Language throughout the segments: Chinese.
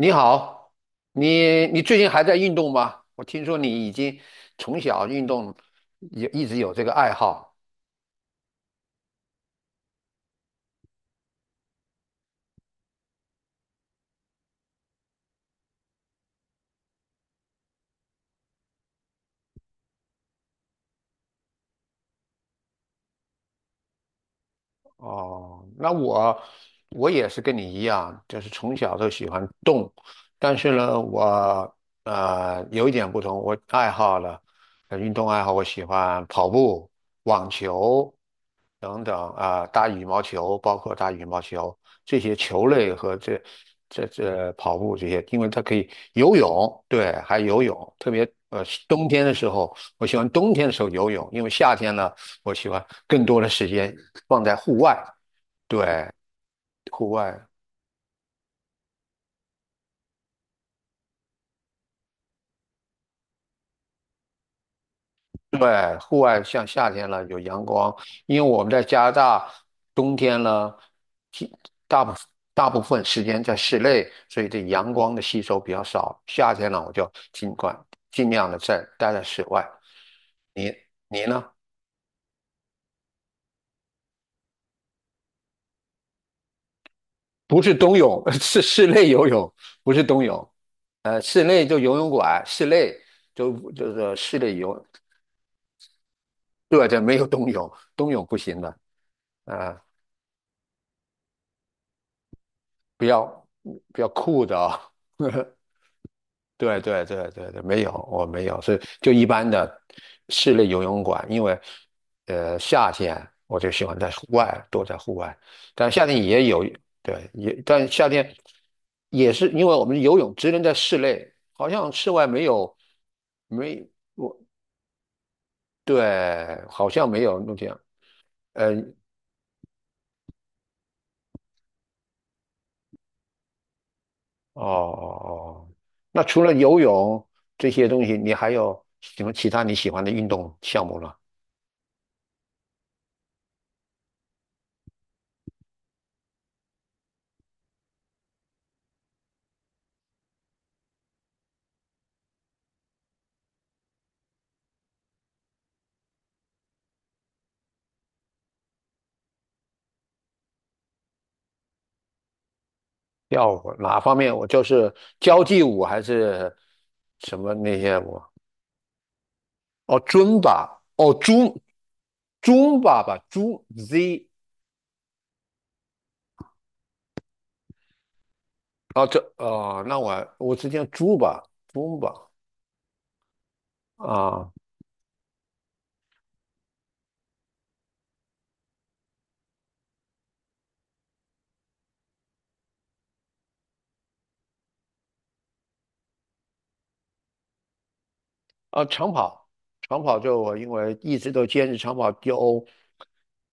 你好，你最近还在运动吗？我听说你已经从小运动，也一直有这个爱好。哦，那我也是跟你一样，就是从小都喜欢动，但是呢，我有一点不同，我爱好了，运动爱好，我喜欢跑步、网球，等等啊，打羽毛球，包括打羽毛球这些球类和这跑步这些，因为它可以游泳，对，还游泳，特别冬天的时候，我喜欢冬天的时候游泳，因为夏天呢，我喜欢更多的时间放在户外，对，户外。对，户外像夏天了有阳光，因为我们在加拿大，冬天呢，其大部大部分时间在室内，所以对阳光的吸收比较少。夏天呢，我就尽量的在待在室外。你你呢？不是冬泳，是室内游泳，不是冬泳。呃，室内就游泳馆，室内就就是室内游，对，这没有冬泳，冬泳不行的，呃，比较比较酷的啊、对对对对对，没有，我没有，所以就一般的室内游泳馆，因为夏天我就喜欢在户外，多在户外，但夏天也有，对，但夏天也是因为我们游泳只能在室内，好像室外没有，没，对，好像没有那这样，呃，哦哦。哦，那除了游泳这些东西，你还有什么其他你喜欢的运动项目呢？跳舞哪方面？我就是交际舞还是什么那些舞？哦，尊吧，哦，尊吧吧，猪 Z，哦这哦，那我只讲猪吧，猪吧。啊，啊，长跑，长跑就我因为一直都坚持长跑有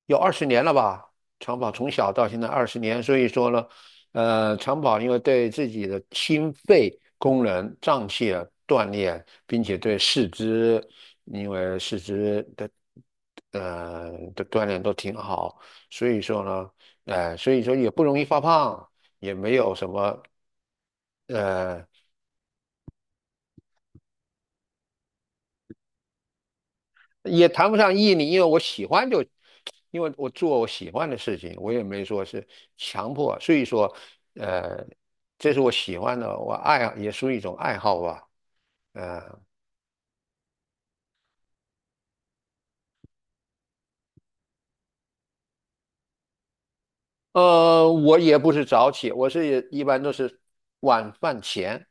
有二十年了吧，长跑从小到现在二十年，所以说呢，长跑因为对自己的心肺功能、脏器的锻炼，并且对四肢，因为四肢的锻炼都挺好，所以说呢，所以说也不容易发胖，也没有什么。呃。也谈不上毅力，因为我喜欢就，因为我做我喜欢的事情，我也没说是强迫，所以说，呃，这是我喜欢的，我爱也属于一种爱好吧。呃，呃，我也不是早起，我是也一般都是晚饭前。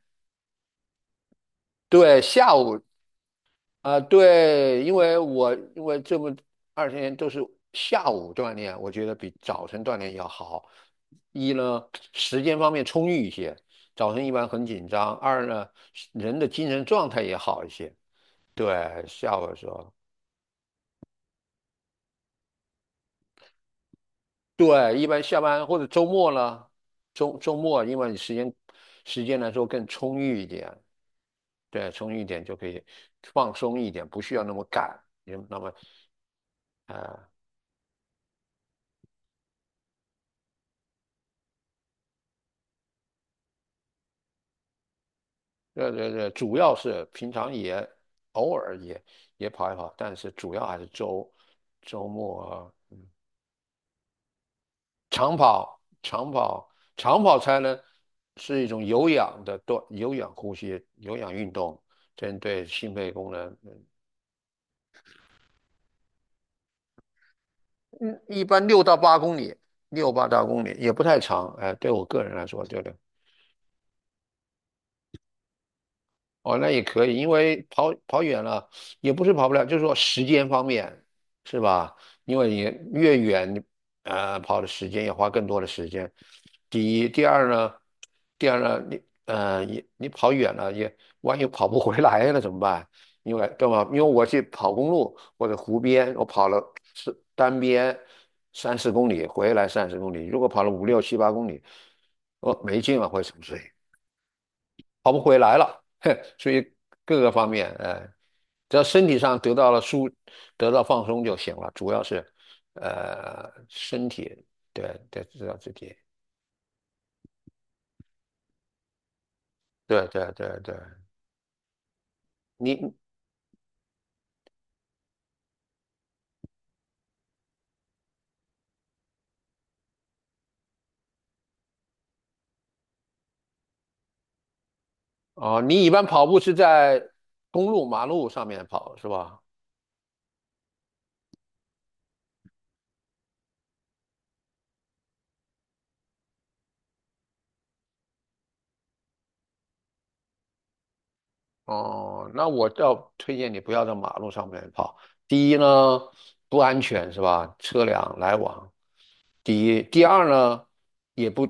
对，下午。啊、对，因为我因为这么二十年都是下午锻炼，我觉得比早晨锻炼要好。一呢，时间方面充裕一些，早晨一般很紧张；二呢，人的精神状态也好一些。对，下午的时候。对，一般下班或者周末了，周末因为你时间来说更充裕一点。对，充裕一点就可以放松一点，不需要那么赶，也那么。呃对对对，主要是平常也偶尔也也跑一跑，但是主要还是周末。长跑、长跑、长跑才能是一种有氧的多有氧呼吸、有氧运动，针对心肺功能。嗯，一般6到8公里，六八到公里也不太长。哎，对我个人来说，对的。哦，那也可以，因为跑跑远了也不是跑不了，就是说时间方面，是吧？因为你越远，跑的时间也花更多的时间。第一，第二呢，第二呢，你你跑远了也，万一跑不回来了怎么办？因为对吧？因为我去跑公路或者湖边，我跑了是单边3、4公里，回来30公里，如果跑了5、6、7、8公里，我没劲了，会什么？跑不回来了，所以各个方面，呃，只要身体上得到了舒，得到放松就行了。主要是呃，身体，对对，知道自己，对对对对。你哦，你一般跑步是在公路、马路上面跑是吧？哦，那我要推荐你不要在马路上面跑。第一呢，不安全是吧？车辆来往。第一，第二呢，也不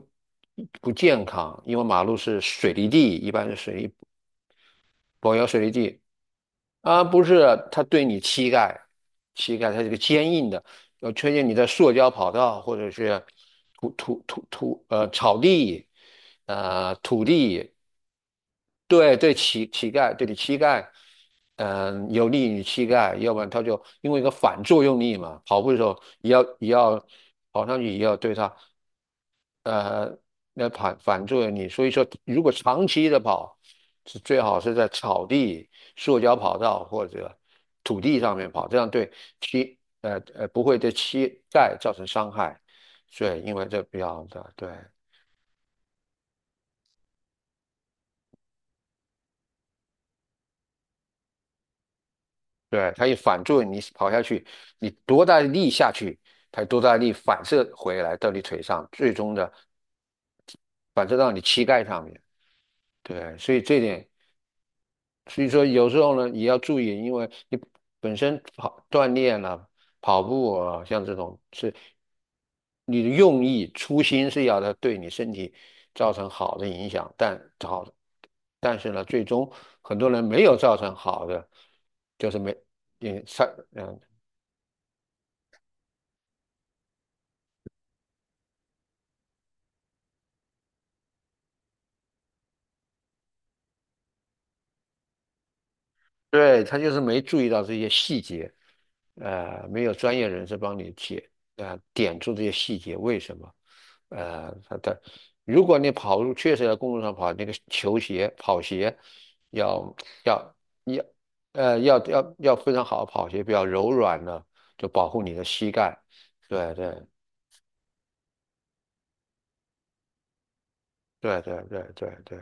不健康，因为马路是水泥地，一般是水泥柏油水泥地啊，不是，它对你膝盖，膝盖它是个坚硬的，要推荐你在塑胶跑道或者是土呃草地，呃土地。对对，乞丐，膝盖对你膝盖，嗯，有利于膝盖，要不然他就因为一个反作用力嘛，跑步的时候也要跑上去，也要对他，呃那反作用力。所以说，如果长期的跑，是最好是在草地、塑胶跑道或者土地上面跑，这样对膝，不会对膝盖造成伤害。对，因为这比较的对。对，它一反作用，你跑下去，你多大的力下去，它多大的力反射回来到你腿上，最终的反射到你膝盖上面。对，所以这点，所以说有时候呢，也要注意，因为你本身跑锻炼了、跑步啊，像这种是你的用意、初心是要它对你身体造成好的影响，但好，但是呢，最终很多人没有造成好的，就是没。也上，嗯。对，他就是没注意到这些细节，呃，没有专业人士帮你解，呃，点出这些细节为什么，呃他的。如果你跑路，确实在公路上跑，那个球鞋、跑鞋要要要，呃要非常好的跑鞋，比较柔软的，就保护你的膝盖。对对对对对对对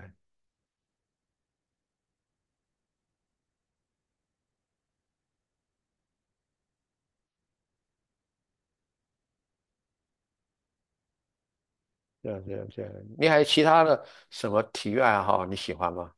对对对。你还有其他的什么体育爱好你喜欢吗？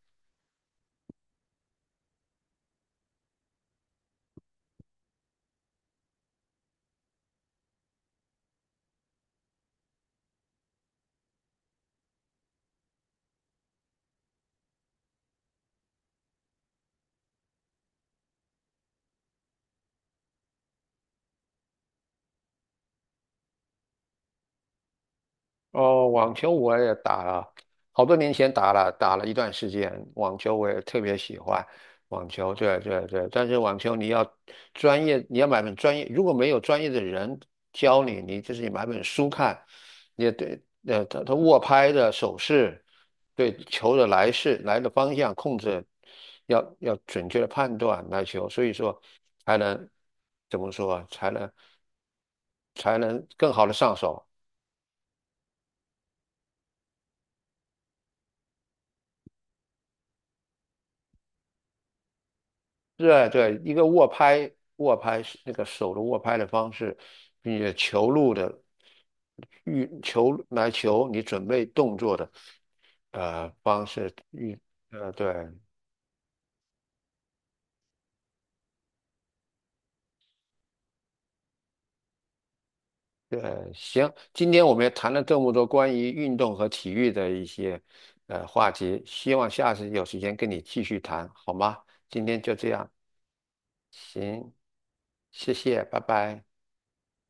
哦，网球我也打了，好多年前打了，打了一段时间。网球我也特别喜欢网球，对对对。但是网球你要专业，你要买本专业，如果没有专业的人教你，你就是你买本书看，你也对，呃，他握拍的手势，对球的来势、来的方向控制，要准确的判断来球，所以说才能怎么说啊，才能更好的上手。对对，一个握拍，握拍是那个手的握拍的方式，并且球路的运球来球，你准备动作的呃方式运，呃对对。行，今天我们也谈了这么多关于运动和体育的一些呃话题，希望下次有时间跟你继续谈，好吗？今天就这样，行，谢谢，拜拜。